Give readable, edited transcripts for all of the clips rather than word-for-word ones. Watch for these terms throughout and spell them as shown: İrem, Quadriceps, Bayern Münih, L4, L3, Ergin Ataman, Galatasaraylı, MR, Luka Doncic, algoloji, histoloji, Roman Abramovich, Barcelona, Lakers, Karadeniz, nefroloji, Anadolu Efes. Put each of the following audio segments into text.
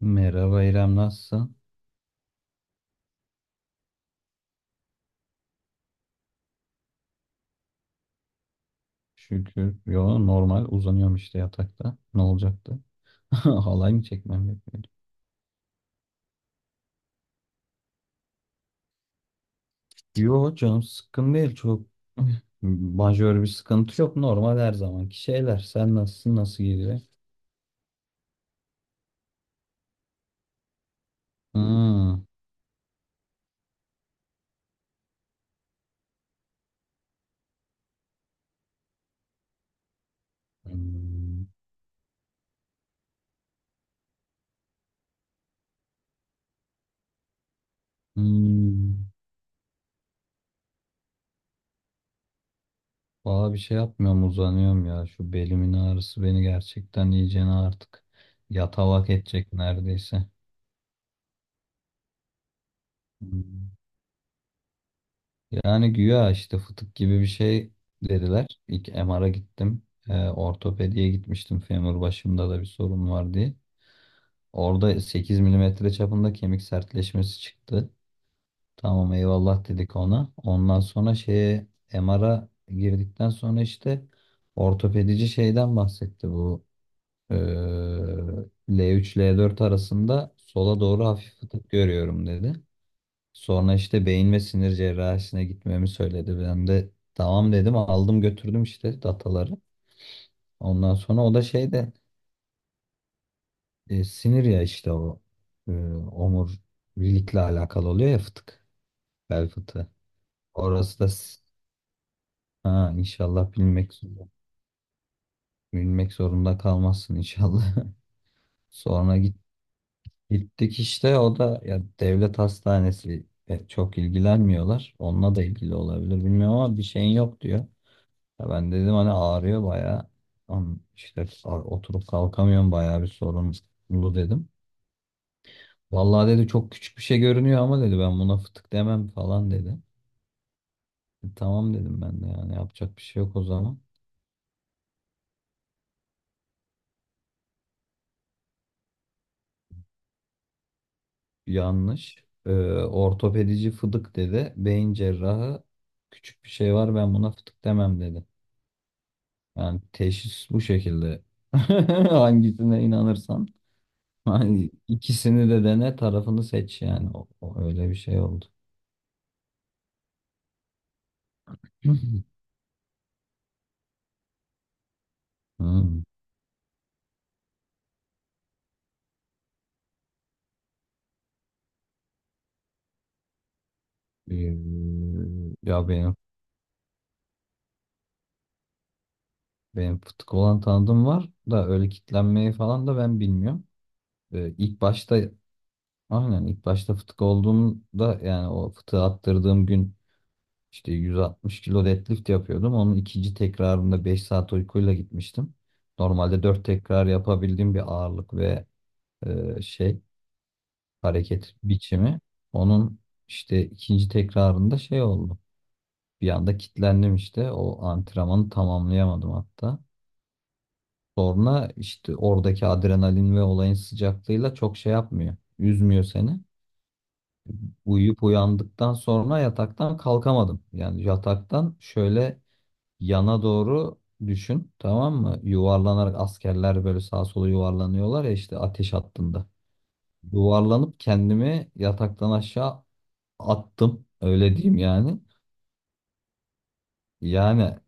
Merhaba İrem, nasılsın? Şükür. Yo, normal uzanıyorum işte yatakta. Ne olacaktı? Halay mı çekmem gerekiyordu? Yo, canım sıkkın değil çok. Majör bir sıkıntı yok. Normal her zamanki şeyler. Sen nasılsın? Nasıl gidiyor? Hmm. Hmm. Hmm. Valla bir şey yapmıyorum, uzanıyorum ya. Şu belimin ağrısı beni gerçekten iyicene artık yatalak edecek neredeyse. Hmm. Yani güya işte fıtık gibi bir şey dediler. İlk MR'a gittim. Ortopediye gitmiştim. Femur başımda da bir sorun var diye. Orada 8 mm çapında kemik sertleşmesi çıktı. Tamam, eyvallah dedik ona. Ondan sonra şeye MR'a girdikten sonra işte ortopedici şeyden bahsetti bu. eee, L3 L4 arasında sola doğru hafif fıtık görüyorum dedi. Sonra işte beyin ve sinir cerrahisine gitmemi söyledi. Ben de tamam dedim, aldım götürdüm işte dataları. Ondan sonra o da şey de sinir ya işte o e, omurilikle alakalı oluyor ya, fıtık, bel fıtığı. Orası da ha, inşallah bilmek zorunda, kalmazsın inşallah. Sonra gittik işte, o da ya devlet hastanesi, çok ilgilenmiyorlar. Onunla da ilgili olabilir, bilmiyorum, ama bir şeyin yok diyor. Ya ben dedim hani ağrıyor bayağı. Am- işte oturup kalkamıyorum, bayağı bir sorunlu dedim. Vallahi dedi, çok küçük bir şey görünüyor ama dedi, ben buna fıtık demem falan dedi. Tamam dedim ben de, yani yapacak bir şey yok o zaman. Yanlış. Ortopedici fıdık dedi. Beyin cerrahı küçük bir şey var, ben buna fıtık demem dedi. Yani teşhis bu şekilde. Hangisine inanırsan. Hani ikisini de dene, tarafını seç yani. O öyle bir şey oldu. Hmm. Ee, Ya benim futbol olan tanıdığım var da öyle kitlenmeyi falan da ben bilmiyorum. İlk başta, aynen, ilk başta fıtık olduğumda, yani o fıtığı attırdığım gün işte 160 kilo deadlift yapıyordum. Onun ikinci tekrarında 5 saat uykuyla gitmiştim. Normalde 4 tekrar yapabildiğim bir ağırlık ve şey, hareket biçimi. Onun işte ikinci tekrarında şey oldu. Bir anda kilitlendim işte. O antrenmanı tamamlayamadım hatta. Sonra işte oradaki adrenalin ve olayın sıcaklığıyla çok şey yapmıyor. Üzmüyor seni. Uyuyup uyandıktan sonra yataktan kalkamadım. Yani yataktan şöyle yana doğru düşün, tamam mı? Yuvarlanarak, askerler böyle sağa sola yuvarlanıyorlar ya işte ateş hattında. Yuvarlanıp kendimi yataktan aşağı attım. Öyle diyeyim yani. Yani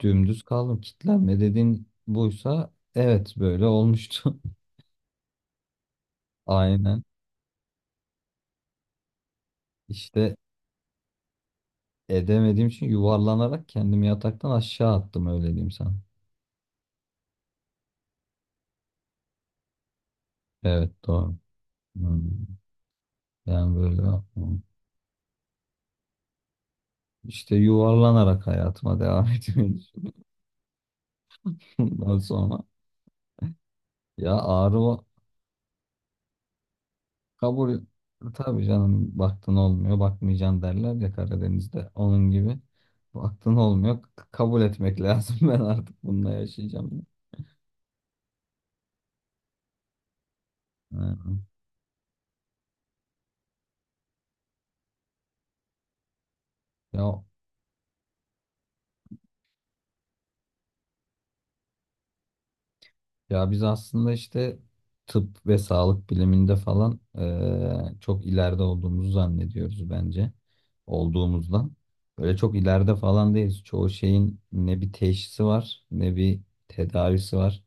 dümdüz kaldım. Kitlenme dediğin buysa, evet, böyle olmuştu. Aynen. İşte edemediğim için yuvarlanarak kendimi yataktan aşağı attım, öyle diyeyim sana. Evet, doğru. Hmm. Yani böyle, hmm. işte yuvarlanarak hayatıma devam etmeyi. Bundan sonra, ya, ağrı kabul, tabii canım, baktın olmuyor bakmayacaksın derler ya Karadeniz'de, onun gibi baktın olmuyor, kabul etmek lazım. Ben artık bununla yaşayacağım. Aynen. Ya ya biz aslında işte tıp ve sağlık biliminde falan, çok ileride olduğumuzu zannediyoruz, bence olduğumuzdan. Böyle çok ileride falan değiliz. Çoğu şeyin ne bir teşhisi var, ne bir tedavisi var.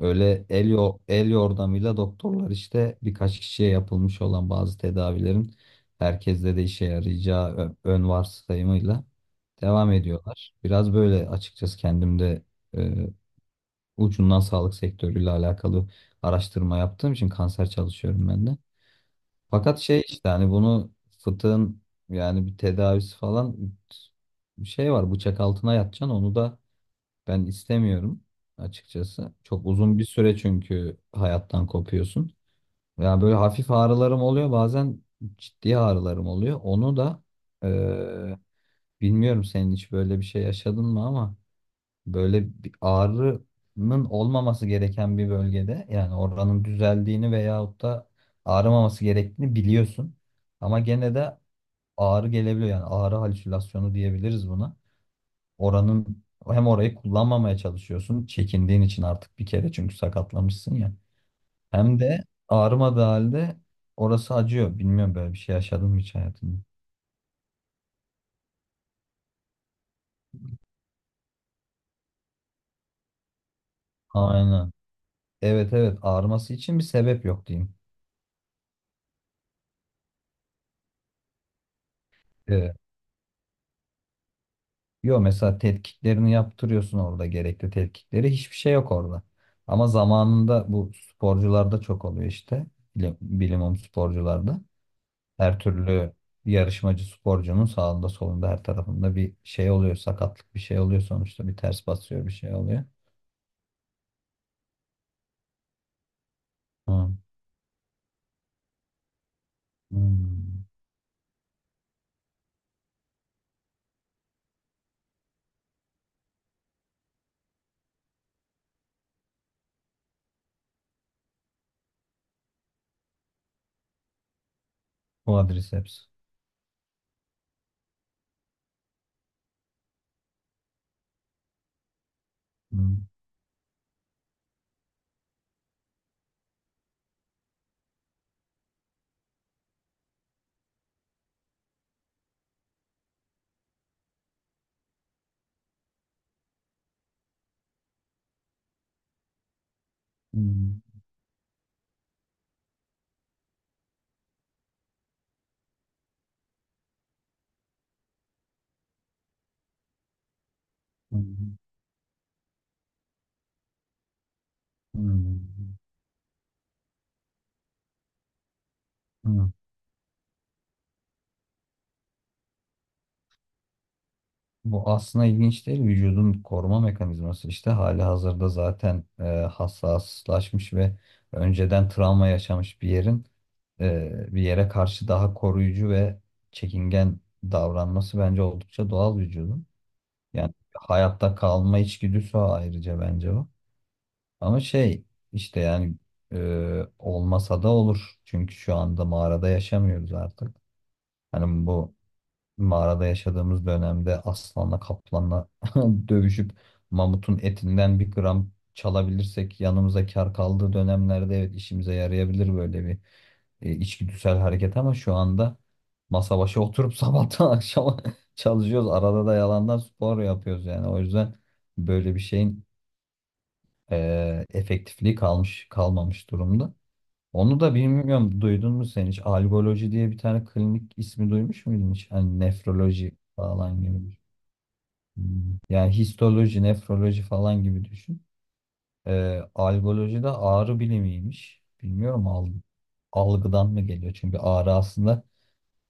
Öyle el yordamıyla doktorlar işte birkaç kişiye yapılmış olan bazı tedavilerin herkeste de işe yarayacağı ön varsayımıyla devam ediyorlar. Biraz böyle, açıkçası kendimde ucundan sağlık sektörüyle alakalı araştırma yaptığım için, kanser çalışıyorum ben de. Fakat şey işte, hani bunu, fıtığın yani bir tedavisi falan bir şey var, bıçak altına yatacaksın, onu da ben istemiyorum açıkçası. Çok uzun bir süre çünkü, hayattan kopuyorsun. Ya böyle hafif ağrılarım oluyor, bazen ciddi ağrılarım oluyor. Onu da eee, bilmiyorum senin hiç böyle bir şey yaşadın mı, ama böyle bir ağrının olmaması gereken bir bölgede, yani oranın düzeldiğini veyahut da ağrımaması gerektiğini biliyorsun. Ama gene de ağrı gelebiliyor, yani ağrı halüsinasyonu diyebiliriz buna. Oranın Hem orayı kullanmamaya çalışıyorsun çekindiğin için, artık bir kere çünkü sakatlamışsın ya. Hem de ağrımadığı halde orası acıyor. Bilmiyorum, böyle bir şey yaşadın mı hiç hayatında? Aynen. Evet, evet, ağrıması için bir sebep yok, diyeyim. Ee, Yo mesela tetkiklerini yaptırıyorsun orada, gerekli tetkikleri. Hiçbir şey yok orada. Ama zamanında bu sporcularda çok oluyor işte. Bilimum sporcularda. Her türlü yarışmacı sporcunun sağında solunda her tarafında bir şey oluyor. Sakatlık, bir şey oluyor sonuçta. Bir ters basıyor, bir şey oluyor. Hı. Hmm. Quadriceps. Hmm. Hmm. Hmm. Hmm. Hmm. Bu aslında ilginç değil. Vücudun koruma mekanizması işte, hali hazırda zaten hassaslaşmış ve önceden travma yaşamış bir yerin bir yere karşı daha koruyucu ve çekingen davranması bence oldukça doğal, vücudun. Yani hayatta kalma içgüdüsü o, ayrıca bence o. Ama şey işte, yani olmasa da olur. Çünkü şu anda mağarada yaşamıyoruz artık. Hani bu mağarada yaşadığımız dönemde aslanla kaplanla dövüşüp mamutun etinden bir gram çalabilirsek yanımıza kar kaldığı dönemlerde, evet, işimize yarayabilir böyle bir içgüdüsel hareket, ama şu anda masa başı oturup sabahtan akşama çalışıyoruz. Arada da yalandan spor yapıyoruz yani. O yüzden böyle bir şeyin efektifliği kalmış kalmamış durumda. Onu da bilmiyorum, duydun mu sen hiç? Algoloji diye bir tane klinik ismi duymuş muydun hiç? Hani nefroloji falan gibi. Hmm. Yani histoloji, nefroloji falan gibi düşün. Algoloji de ağrı bilimiymiş. Bilmiyorum, algıdan mı geliyor? Çünkü ağrı aslında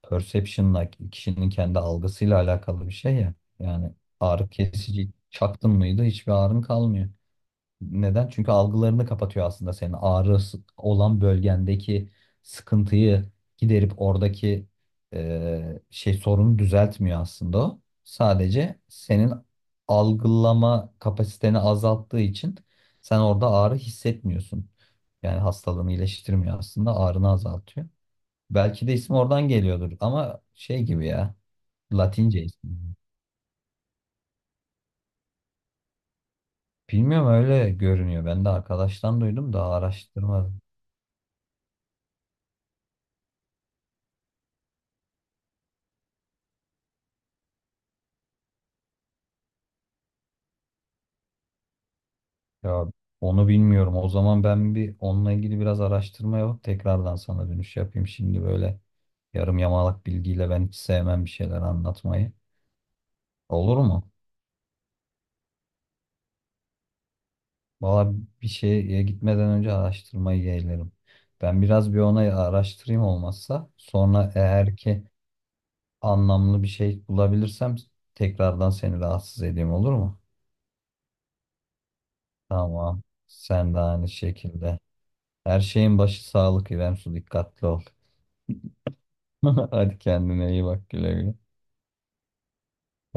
perception'la, kişinin kendi algısıyla alakalı bir şey ya. Yani ağrı kesici çaktın mıydı, hiçbir ağrın kalmıyor. Neden? Çünkü algılarını kapatıyor aslında, senin ağrı olan bölgendeki sıkıntıyı giderip oradaki şey sorunu düzeltmiyor aslında o. Sadece senin algılama kapasiteni azalttığı için sen orada ağrı hissetmiyorsun. Yani hastalığını iyileştirmiyor, aslında ağrını azaltıyor. Belki de isim oradan geliyordur, ama şey gibi ya, Latince ismi. Bilmiyorum, öyle görünüyor. Ben de arkadaştan duydum da araştırmadım. Ya onu bilmiyorum. O zaman ben bir onunla ilgili biraz araştırma yapıp tekrardan sana dönüş yapayım. Şimdi böyle yarım yamalak bilgiyle ben hiç sevmem bir şeyler anlatmayı. Olur mu? Valla bir şeye gitmeden önce araştırmayı yeğlerim. Ben biraz bir ona araştırayım olmazsa. Sonra eğer ki anlamlı bir şey bulabilirsem tekrardan seni rahatsız edeyim, olur mu? Tamam. Sen de aynı şekilde. Her şeyin başı sağlık, İrem Su, dikkatli ol. Hadi, kendine iyi bak, güle güle.